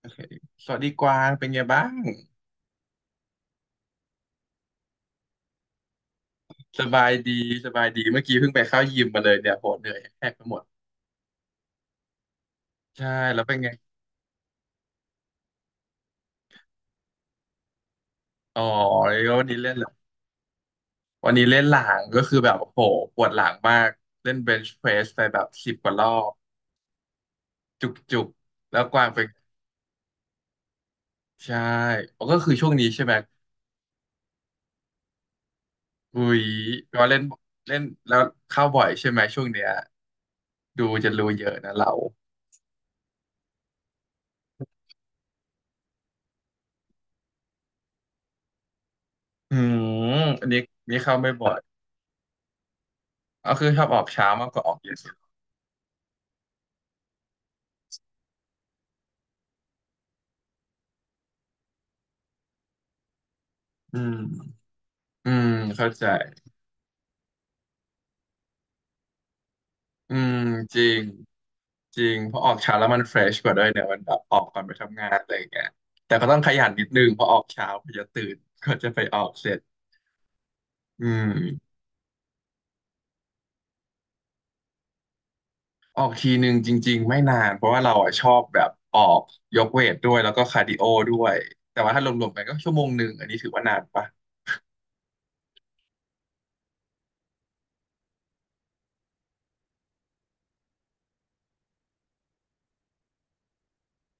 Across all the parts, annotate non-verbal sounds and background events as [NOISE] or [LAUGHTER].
โอเคสวัสดีกวางเป็นไงบ้างสบายดีสบายดีเมื่อกี้เพิ่งไปเข้ายิมมาเลยเนี่ยโหเหนื่อยแทบไปหมดใช่แล้วเป็นไงอ๋อแล้ววันนี้เล่นเหรอวันนี้เล่นหลังก็คือแบบโหปวดหลังมากเล่นเบนช์เพรสไปแบบ10 กว่ารอบจุกจุกแล้วกวางเป็นใช่อ๋อก็คือช่วงนี้ใช่ไหมอุ้ยแปลว่าเล่นเล่นแล้วเข้าบ่อยใช่ไหมช่วงเนี้ยดูจะรู้เยอะนะเราอืมอันนี้อันนี้เข้าไม่บ่อยก็คือชอบออกเช้ามากกว่าออกเย็นสุดอืม อืมเข้าใจอืมจริงจริงเพราะออกเช้าแล้วมันเฟรชกว่าด้วยเนี่ยมันแบบออกก่อนไปทำงานอะไรอย่างเงี้ยแต่ก็ต้องขยันนิดนึงเพราะออกเช้าพอจะตื่นก็จะไปออกเสร็จอืมออกทีหนึ่งจริงๆไม่นานเพราะว่าเราอ่ะชอบแบบออกยกเวทด้วยแล้วก็คาร์ดิโอด้วยแต่ว่าถ้ารวมๆกันก็1 ชั่วโมงอันนี้ถือว่านานปะ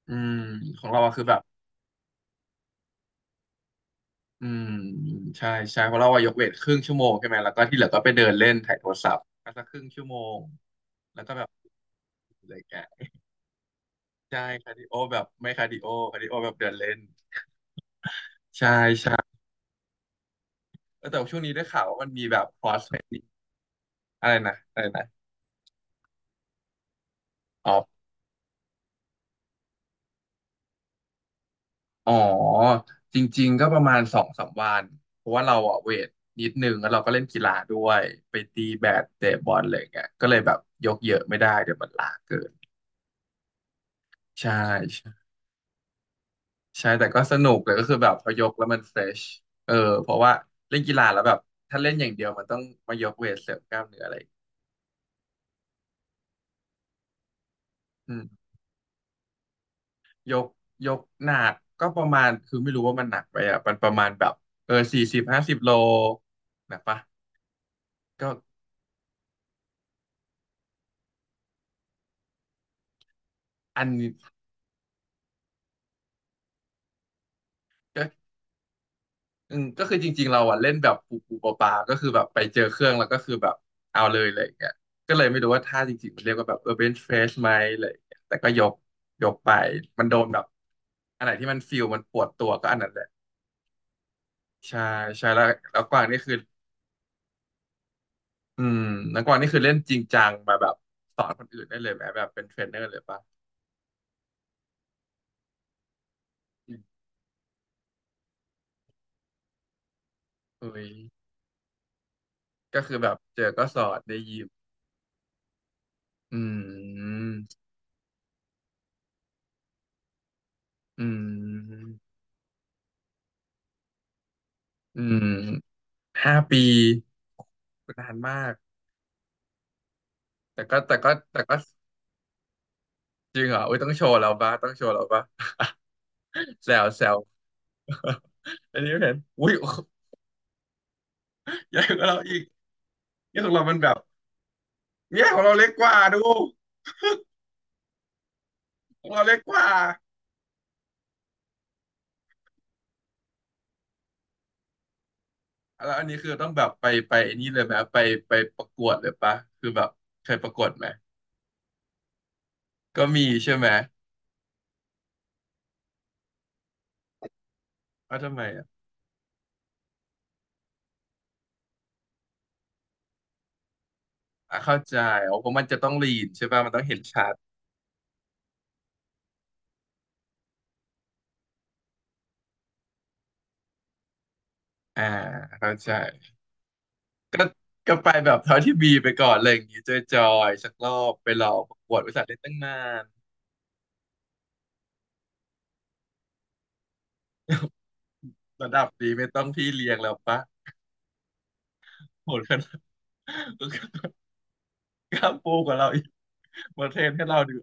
อืมของเราอะคือแบบ อืมใช่ใช่เพราะเราว่ายกเวทครึ่งชั่วโมงใช่ไหมแล้วก็ที่เหลือก็ไปเดินเล่นถ่ายโทรศัพท์ก็สักครึ่งชั่วโมงแล้วก็แบบเลยแกะใช่คาร์ดิโอแบบไม่คาร์ดิโอคาร์ดิโอแบบเดินเล่นใช่ใช่แล้วแต่ว่าช่วงนี้ได้ข่าวว่ามันมีแบบคอร์สเทรนนิ่งอะไรนะอะไรนะอ๋ออ๋อจริงๆก็ประมาณ2-3 วันเพราะว่าเราอะเวทนิดนึงแล้วเราก็เล่นกีฬาด้วยไปตีแบดเตะบอลอะไรอย่างเงี้ยก็เลยแบบยกเยอะไม่ได้เดี๋ยวมันล้าเกินใช่ ใช่แต่ก็สนุกแต่ก็คือแบบพอยกแล้วมันเฟรชเออเพราะว่าเล่นกีฬาแล้วแบบถ้าเล่นอย่างเดียวมันต้องมายกเวทเสริมกล้ามเนื้ออะไรอืมยกยกหนักก็ประมาณคือไม่รู้ว่ามันหนักไปอ่ะมันประมาณแบบ40-50 โลหนักปะก็อันนี้ก็อืมก็คือจริงๆเราอ่ะเล่นแบบปูปูปลาปลาก็คือแบบไปเจอเครื่องแล้วก็คือแบบเอาเลยอะไรอย่างเงี้ยก็เลยไม่รู้ว่าท่าจริงๆมันเรียกว่าแบบเบนช์เฟสไหมอะไรอย่างเงี้ยแต่ก็ยกไปมันโดนแบบ อันไหนที่มันฟิลมันปวดตัวก็อันนั้นแหละใช่ใช่แล้วแล้วกวางนี่คืออืมแล้วกวางนี่คือเล่นจริงจังมาแบบสอนคนอื่นได้เลยไหมแบบเป็นเทรนเนอร์เลยปะอืมเฮ้ยก็คือแบบเจอก็สอนได้ยิมอืมอืมอืม5 ปีนานมากแต่ก็จริงเหรออุ้ยต้องโชว์เราบ้าต้องโชว์เราบ้า [LAUGHS] แซวแซว [LAUGHS] อันนี้ไม่เห็นอุ้ย [LAUGHS] ใหญ่กว่าเราอีกเนี่ยของเรามันแบบเนี่ยของเราเล็กกว่าดูของเราเล็กกว่า แล้วอันนี้คือต้องแบบไปไปไอันนี้เลยไหมไปไปประกวดเลยปะคือแบบเคยประกวดไหมก็มีใช่ไหมว่าทำไมอะอ่ะเข้าใจอ๋อเพราะมันจะต้องลีนใช่ปะมันต้องเห็นชัดอ่าเข้าใจก็ก็ไปแบบเท่าที่มีไปก่อนอะไรอย่างงี้จอยๆสักรอบไปลองประกวดบริษัทเล่นตั้งนานระดับนี้ไม่ต้องพี่เลี้ยงแล้วปะโหดขนาดกล้ามปูกว่าเราอีกมาเทรนให้เราดู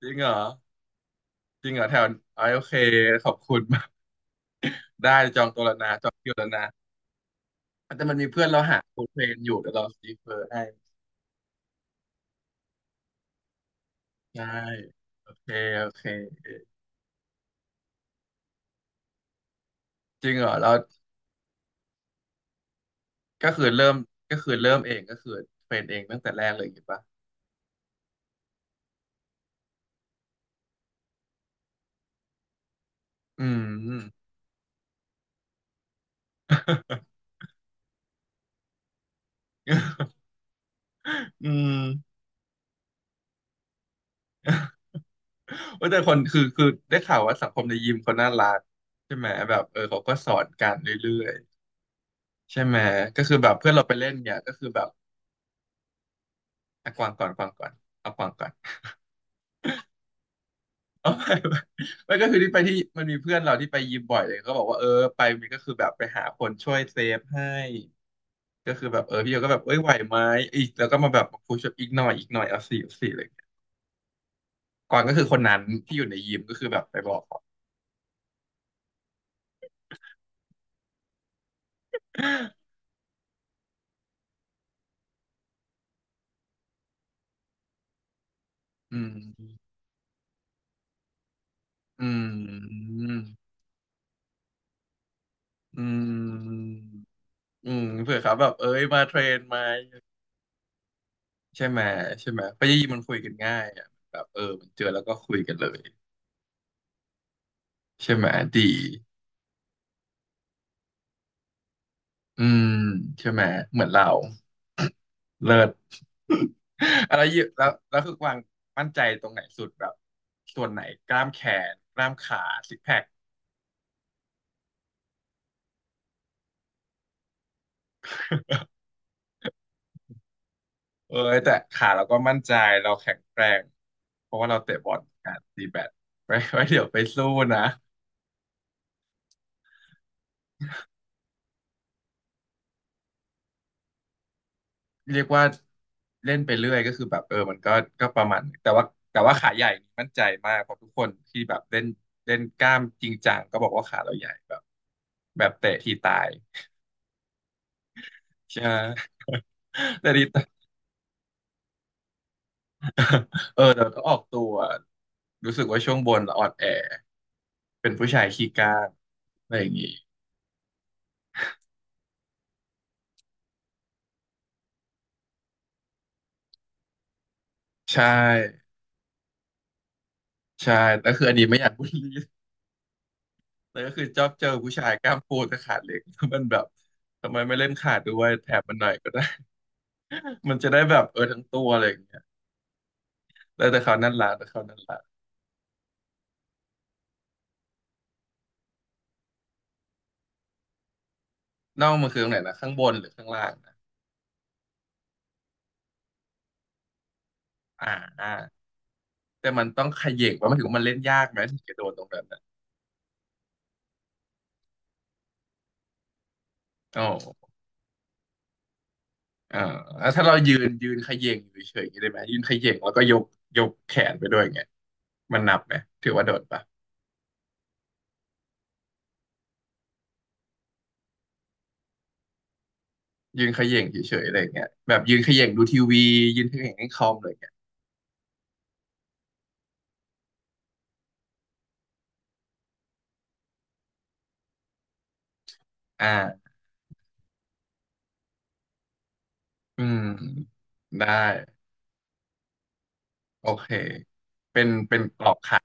จริงเหรอจริงเหรอแถวอ๋อโอเคขอบคุณ ได้จองตัวแล้วนะจองคิวแล้วนะแต่มันมีเพื่อนเราหาโคเพลนอยู่เดี๋ยวเราซีเฟอร์ให้ได้โอเคโอเคจริงเหรอเราก็คือเริ่มก็คือเริ่มเองก็คือเทรนเองตั้งแต่แรกเลยเห็นปะอืม [LAUGHS] อืมเว่าแต่คนคือได้ข่าวว่าสังคมในยิมเขาน่ารักใช่ไหมแบบเขาก็สอนกันเรื่อยๆใช่ไหมก็คือแบบเพื่อนเราไปเล่นเนี่ยก็คือแบบอ่ะกวางก่อนกวางก่อนเอากวางก่อน [LAUGHS] เอาไปไปไม่ก็คือที่ไปที่มันมีเพื่อนเราที่ไปยิมบ่อยเลยก็บอกว่าไปมันก็คือแบบไปหาคนช่วยเซฟให้ก็คือแบบพี่โยก็แบบเอ้ยไหวไหมอีกแล้วก็มาแบบพูชอีกหน่อยอีกหน่อยเอา 4 เอา 4เลยก่อนก็คือคนนั้นที่อยู่ในยิมก็คือแบบไปบอก [GASPS] เขาอืมอืมอืมอืมเผื่อเขาแบบเอ้ยมาเทรนไหมใช่ไหมใช่ไหมไปยิมมันคุยกันง่ายอะแบบมันเจอแล้วก็คุยกันเลยใช่ไหมดีอืมใช่ไหมเหมือนเรา เลิศอะไรเยอะแล้วคือกวางมั่นใจตรงไหนสุดแบบส่วนไหนกล้ามแขนกล้ามขาซิกแพคเออแต่ขาเราก็มั่นใจเราแข็งแกรงเพราะว่าเราเตะบอลกันตีแบดไว้เดี๋ยวไปสู้นะเรียกว่าเล่นไปเรื่อยก็คือแบบมันก็ประมาณนึงแต่ว่าขาใหญ่นี่มั่นใจมากเพราะทุกคนที่แบบเล่นเล่นกล้ามจริงจังก็บอกว่าขาเราใหญ่แบบแบบเตะทีตายใช่ [LAUGHS] หมแต่ทีต [LAUGHS] เดี๋ยวก็ออกตัวรู้สึกว่าช่วงบนเราอ่อนแอเป็นผู้ชายขี้กล้ามอะไรอย่างงี้ใช่ใช่แต่วคืออันนี้ไม่อยากบูลลี่ [LAUGHS] แต่ก็คือชอบเจอผู้ชายกล้ามปูแต่ขาเล็ก [LAUGHS] แล้วมันแบบทำไมไม่เล่นขาด้วยแถมมันหน่อยก็ได้ [LAUGHS] มันจะได้แบบทั้งตัวอะไรอย่างเงี้ยแล้วแต่เขานั่นละแต่เขานั่นละน่องมันคือตรงไหนนะข้างบนหรือข้างล่างนะอ่าอ่าแต่มันต้องเขย่งว่ามันถึงว่ามันเล่นยากไหมถึงจะโดนตรงนั้นนะอ๋อ อ่าแล้วถ้าเรายืนเขย่งอยู่เฉยๆอย่างนี้ได้ไหมยืนเขย่งแล้วก็ยกแขนไปด้วยอย่างเงี้ยมันนับไหมถือว่าโดดปะยืนเขย่งเฉยๆอะไรอย่างเงี้ยแบบยืนเขย่งดูทีวียืนเขย่งเล่นคอมอะไรอย่างเงี้ยอ่าอืมได้โอเคเป็นกรอกขัด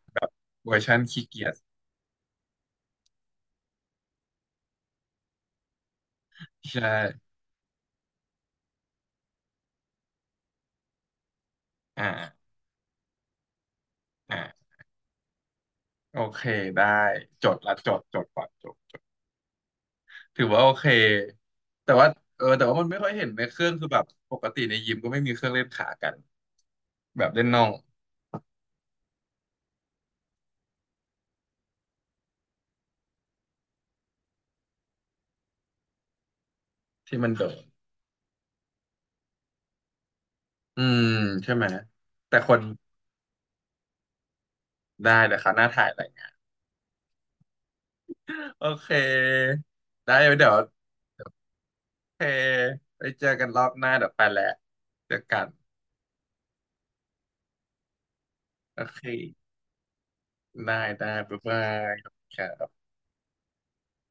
เวอร์ชันขี้เกียจใช่อ่าอ่าโอเคได้จดละจดก่อนจดถือว่าโอเคแต่ว่าแต่ว่ามันไม่ค่อยเห็นในเครื่องคือแบบปกติในยิมก็ไม่มีเครื่องเล่นขากันแบบเล่นน่อง ที่มันแบบอืมใช่ไหม แต่คนได้เดี๋ยวคราหน้าถ่ายอะไรเงี้ยโอเค ได้เดี๋ยวโอเคไปเจอกันรอบหน้าเดี๋ยวไปแหล้วเจอกัน โอเค ได้ได้บ๊ายบายครับ